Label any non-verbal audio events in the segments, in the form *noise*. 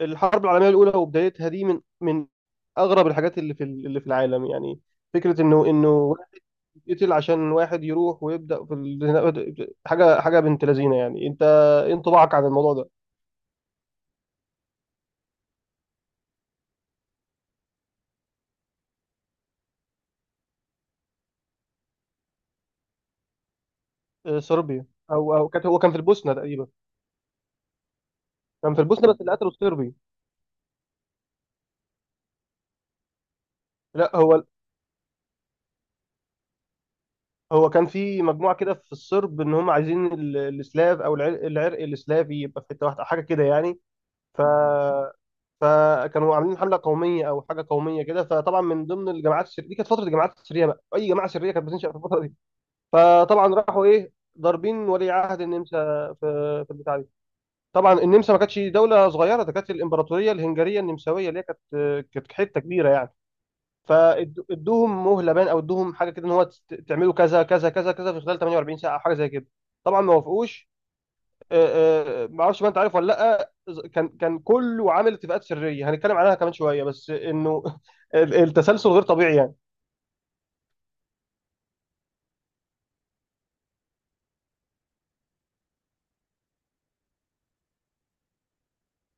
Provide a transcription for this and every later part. الحرب العالميه الاولى وبدايتها دي من اغرب الحاجات اللي في العالم يعني، فكره انه واحد يقتل عشان واحد يروح ويبدا في حاجه بنت لذينه يعني. انت ايه انطباعك عن الموضوع ده؟ آه، صربيا. او كانت، هو كان في البوسنه تقريبا. كان في البوسنه بس اللي قتلوا الصربي. لا، هو كان في مجموعه كده في الصرب ان هم عايزين السلاف او العرق, العرق السلافي يبقى في حته واحده حاجه كده يعني. ف فكانوا عاملين حمله قوميه او حاجه قوميه كده. فطبعا من ضمن الجماعات الشريره دي، كانت فتره الجماعات الشريره بقى، اي جماعه شريره كانت بتنشا في الفتره دي. فطبعا راحوا ايه، ضاربين ولي عهد النمسا في البتاع دي. طبعا النمسا ما كانتش دوله صغيره، ده كانت الامبراطوريه الهنجريه النمساويه اللي هي كانت، كانت حته كبيره يعني. فادوهم مهله بان، او ادوهم حاجه كده ان هو تعملوا كذا كذا كذا كذا في خلال 48 ساعه او حاجه زي كده. طبعا ما وافقوش. ما اعرفش بقى، انت عارف ولا لا؟ كان كله عامل اتفاقات سريه هنتكلم عنها كمان شويه، بس انه *laughs* التسلسل غير طبيعي يعني.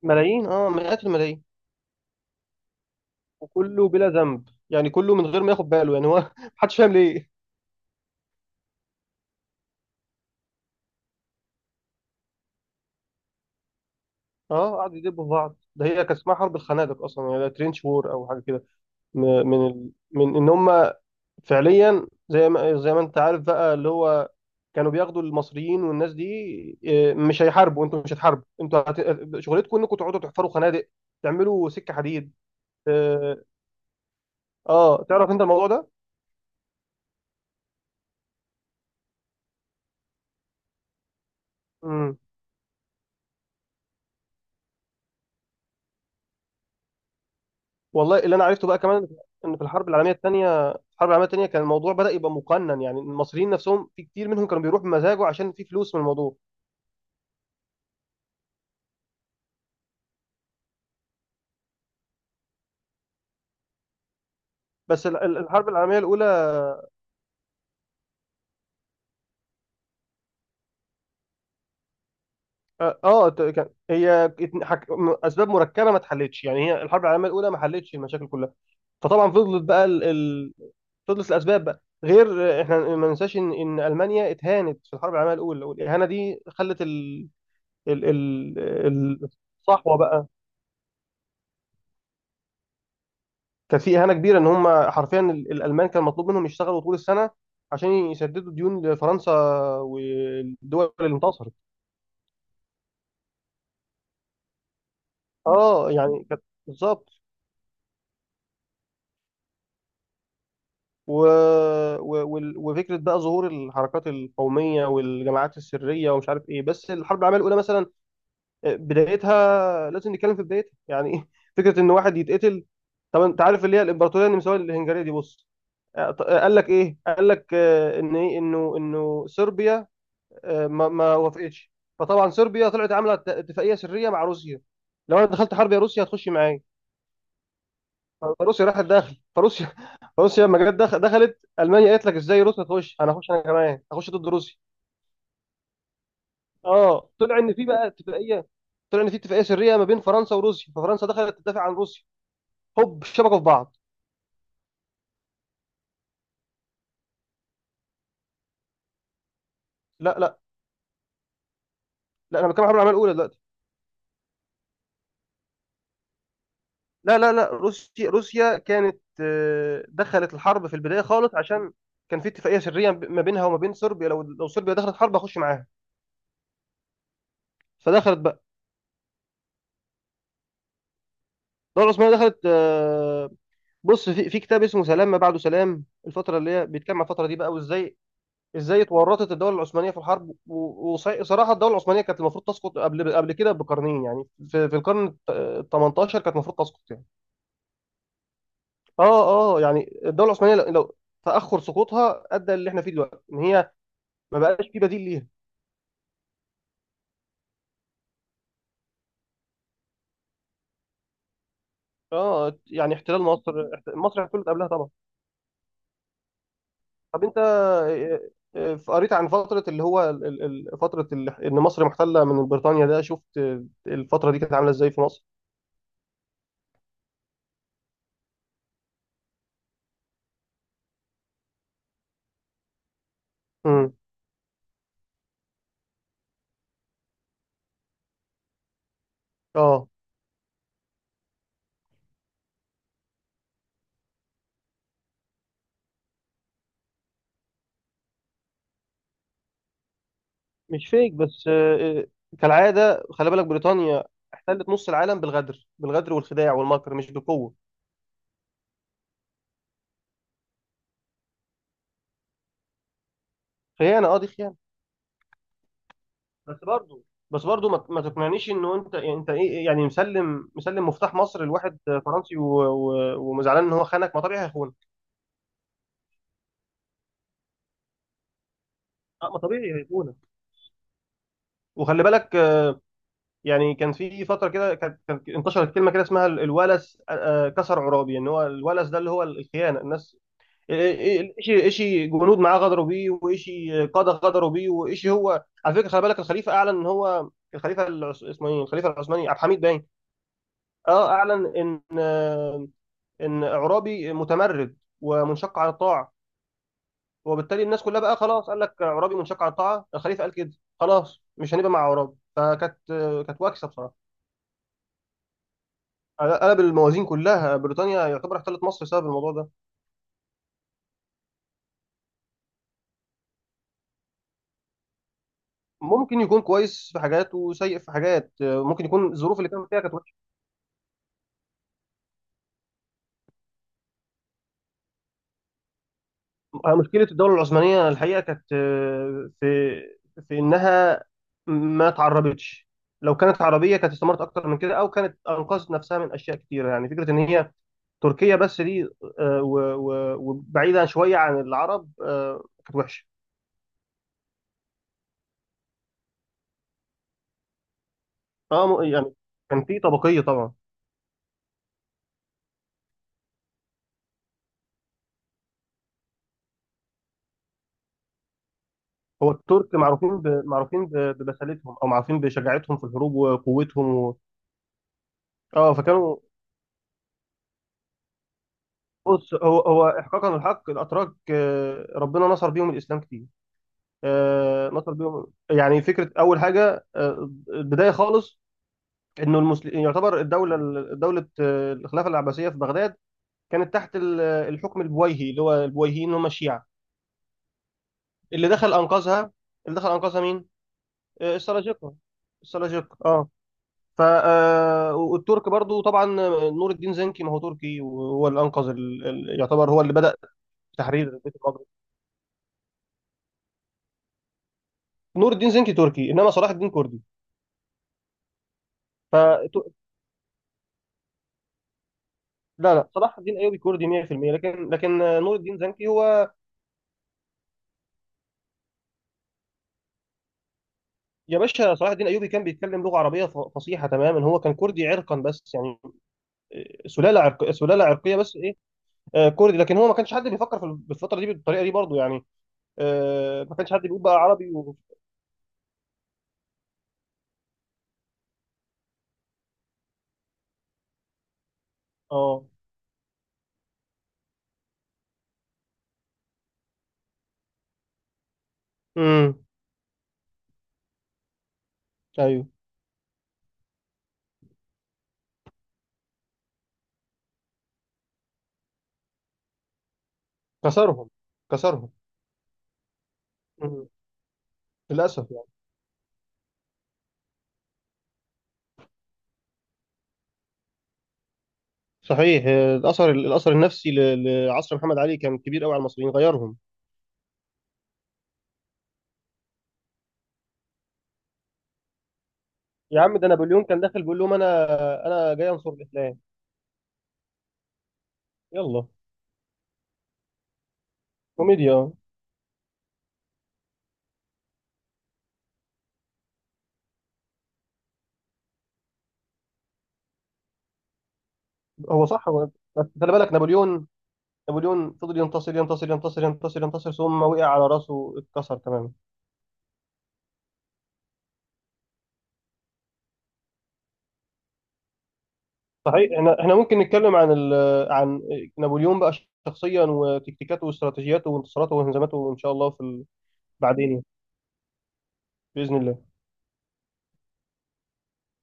ملايين، اه مئات الملايين. وكله بلا ذنب يعني، كله من غير ما ياخد باله يعني، هو *laughs* محدش فاهم ليه. اه قعدوا يدبوا في بعض، ده هي كان اسمها حرب الخنادق اصلا يعني، ترينش وور او حاجه كده. من ان هم فعليا زي ما انت عارف بقى، اللي هو كانوا بياخدوا المصريين والناس دي، إيه، مش هيحاربوا، انتوا مش هتحاربوا، انتوا شغلتكم انكم تقعدوا تحفروا خنادق، تعملوا سكه حديد. اه آه، تعرف انت الموضوع ده؟ امم والله اللي انا عرفته بقى كمان، ان في الحرب العالميه الثانيه، كان الموضوع بدا يبقى مقنن يعني. المصريين نفسهم، في كتير منهم كانوا بيروحوا بمزاجه عشان في فلوس من الموضوع. بس الحرب العالميه الاولى، اه آه، ت- كان هي ات- حك... م- اسباب مركبه ما اتحلتش يعني، هي الحرب العالميه الاولى ما حلتش المشاكل كلها. فطبعا فضلت بقى تدرس الاسباب بقى، غير احنا ما ننساش ان المانيا اتهانت في الحرب العالميه الاولى، والاهانه دي خلت ال ال ال- الصحوه بقى. كان في اهانه كبيره ان هم حرفيا الالمان كان مطلوب منهم يشتغلوا طول السنه عشان يسددوا ديون لفرنسا والدول اللي انتصرت. اه يعني كانت بالظبط. و... و... وال- وفكره بقى ظهور الحركات القوميه والجماعات السريه ومش عارف ايه. بس الحرب العالميه الاولى مثلا، بدايتها لازم نتكلم في بدايتها يعني ايه. فكره ان واحد يتقتل. طب انت عارف اللي هي الامبراطوريه النمساويه الهنغاريه دي؟ بص، قال لك ايه، قال لك آه، ان ايه انه صربيا آه، ما وافقتش. فطبعا صربيا طلعت عامله اتفاقيه سريه مع روسيا، لو انا دخلت حرب يا روسيا هتخش معايا. فروسيا راحت داخل، فروسيا *laughs* فروسيا لما جت دخلت المانيا قالت لك ازاي روسيا تخش، انا هخش، انا كمان هخش ضد روسيا. اه طلع ان في بقى اتفاقيه، طلع ان في اتفاقيه سريه ما بين فرنسا وروسيا، ففرنسا دخلت تدافع عن روسيا. هوب شبكوا في بعض. لا لا لا، انا بتكلم عن الحرب العالميه الاولى دلوقتي. لا، روسيا كانت آه، دخلت الحرب في البدايه خالص عشان كان في اتفاقيه سريه ما بينها وما بين صربيا، لو صربيا دخلت حرب هخش معاها. فدخلت بقى، الدوله العثمانيه دخلت آه، بص في في كتاب اسمه سلام ما بعده سلام، الفتره اللي هي بيتكلم عن الفتره دي بقى، ازاي اتورطت الدوله العثمانيه في الحرب. وصراحه الدوله العثمانيه كانت المفروض تسقط قبل كده بقرنين يعني، في في القرن ال 18 كانت المفروض تسقط يعني. اه يعني الدوله العثمانيه لو تاخر سقوطها ادى اللي احنا فيه دلوقتي، ان هي ما بقاش في بديل ليها. اه يعني احتلال مصر، مصر احتلت قبلها طبعا. طب انت آه، آه، قريت عن فتره اللي هو فتره ان مصر محتله من بريطانيا ده؟ شفت آه، الفتره دي كانت عامله ازاي في مصر؟ امم، اه. مش فيك بس آه، آه، كالعاده خلي بالك، بريطانيا احتلت نص العالم بالغدر، والخداع والمكر، مش بالقوه. خيانه، اه دي خيانه. بس برضو بس برضو ما تقنعنيش انه انت ايه، إيه، يعني مسلم، مفتاح مصر لواحد فرنسي و- و- ومزعلان ان هو خانك، ما طبيعي هيخونك. اه ما طبيعي هيخونك. وخلي بالك آه، يعني كان في فتره كده، كانت انتشرت كلمه كده اسمها الولس آه، آه، كسر عرابي، ان هو الولس ده اللي هو الخيانه. الناس، ايشي جنود معاه غدروا بيه، وايشي قاده غدروا بيه، وايشي. هو على فكره خلي بالك الخليفه اعلن ان هو الخليفه اسمه ايه، الخليفه العثماني عبد الحميد باين، اه اعلن ان اعرابي متمرد ومنشق عن الطاعه. وبالتالي الناس كلها بقى خلاص، قال لك اعرابي منشق عن الطاعه، الخليفه قال كده، خلاص مش هنبقى مع اعراب. كانت واكسه بصراحه. قلب الموازين كلها، بريطانيا يعتبر احتلت مصر بسبب الموضوع ده. ممكن يكون كويس في حاجات وسيء في حاجات، ممكن يكون الظروف اللي كان فيها كانت وحشه. مشكله الدوله العثمانيه الحقيقه كانت في انها ما تعربتش. لو كانت عربيه كانت استمرت اكتر من كده، او كانت انقذت نفسها من اشياء كتيره يعني. فكره ان هي تركيا بس دي آه، و- و- وبعيدة شوية عن العرب آه، كانت وحشة. اه م- يعني كان في طبقية طبعا. هو الترك معروفين ب... معروفين ب... ببسالتهم، او معروفين بشجاعتهم في الحروب وقوتهم اه فكانوا، بص هو احقاقا الحق الاتراك آه، ربنا نصر بيهم الاسلام كتير. آه، نصر بيهم يعني. فكرة اول حاجة آه، البداية خالص، انه المسلم يعتبر دولة آه، الخلافة العباسية في بغداد، كانت تحت الحكم البويهي، اللي هو البويهيين هم الشيعة. اللي دخل انقذها، اللي دخل انقذها مين؟ آه، السلاجقه. السلاجقه اه. آه، والترك برضو طبعا، نور الدين زنكي ما هو تركي، وهو اللي انقذ يعتبر هو اللي بدأ تحرير البيت المقدس. نور الدين زنكي تركي، انما صلاح الدين كردي. ف ت- لا لا، صلاح الدين ايوبي كردي 100% لكن آه، نور الدين زنكي هو، يا باشا صلاح الدين ايوبي كان بيتكلم لغه عربيه فصيحه تماما. هو كان كردي عرقا بس يعني، آه، سلاله عرقيه بس ايه، آه، كردي. لكن هو ما كانش حد بيفكر في الفتره دي بالطريقه دي برضو يعني، آه ما كانش حد بيقول بقى عربي اه. امم، ايوه. كسرهم، كسرهم. مم. للاسف يعني. صحيح آه، الاثر النفسي لعصر محمد علي كان كبير قوي على المصريين، غيرهم. يا عم ده نابليون كان داخل بيقول لهم انا جاي انصر الاسلام. يلا، كوميديا. هو صح هو بس خلي بالك نابليون، فضل ينتصر ينتصر ينتصر ينتصر ينتصر، ثم وقع على راسه، اتكسر تماما. صحيح، احنا ممكن نتكلم عن عن نابليون بقى شخصيا، وتكتيكاته واستراتيجياته وانتصاراته وهزيماته، ان شاء الله في بعدين يعني، باذن الله.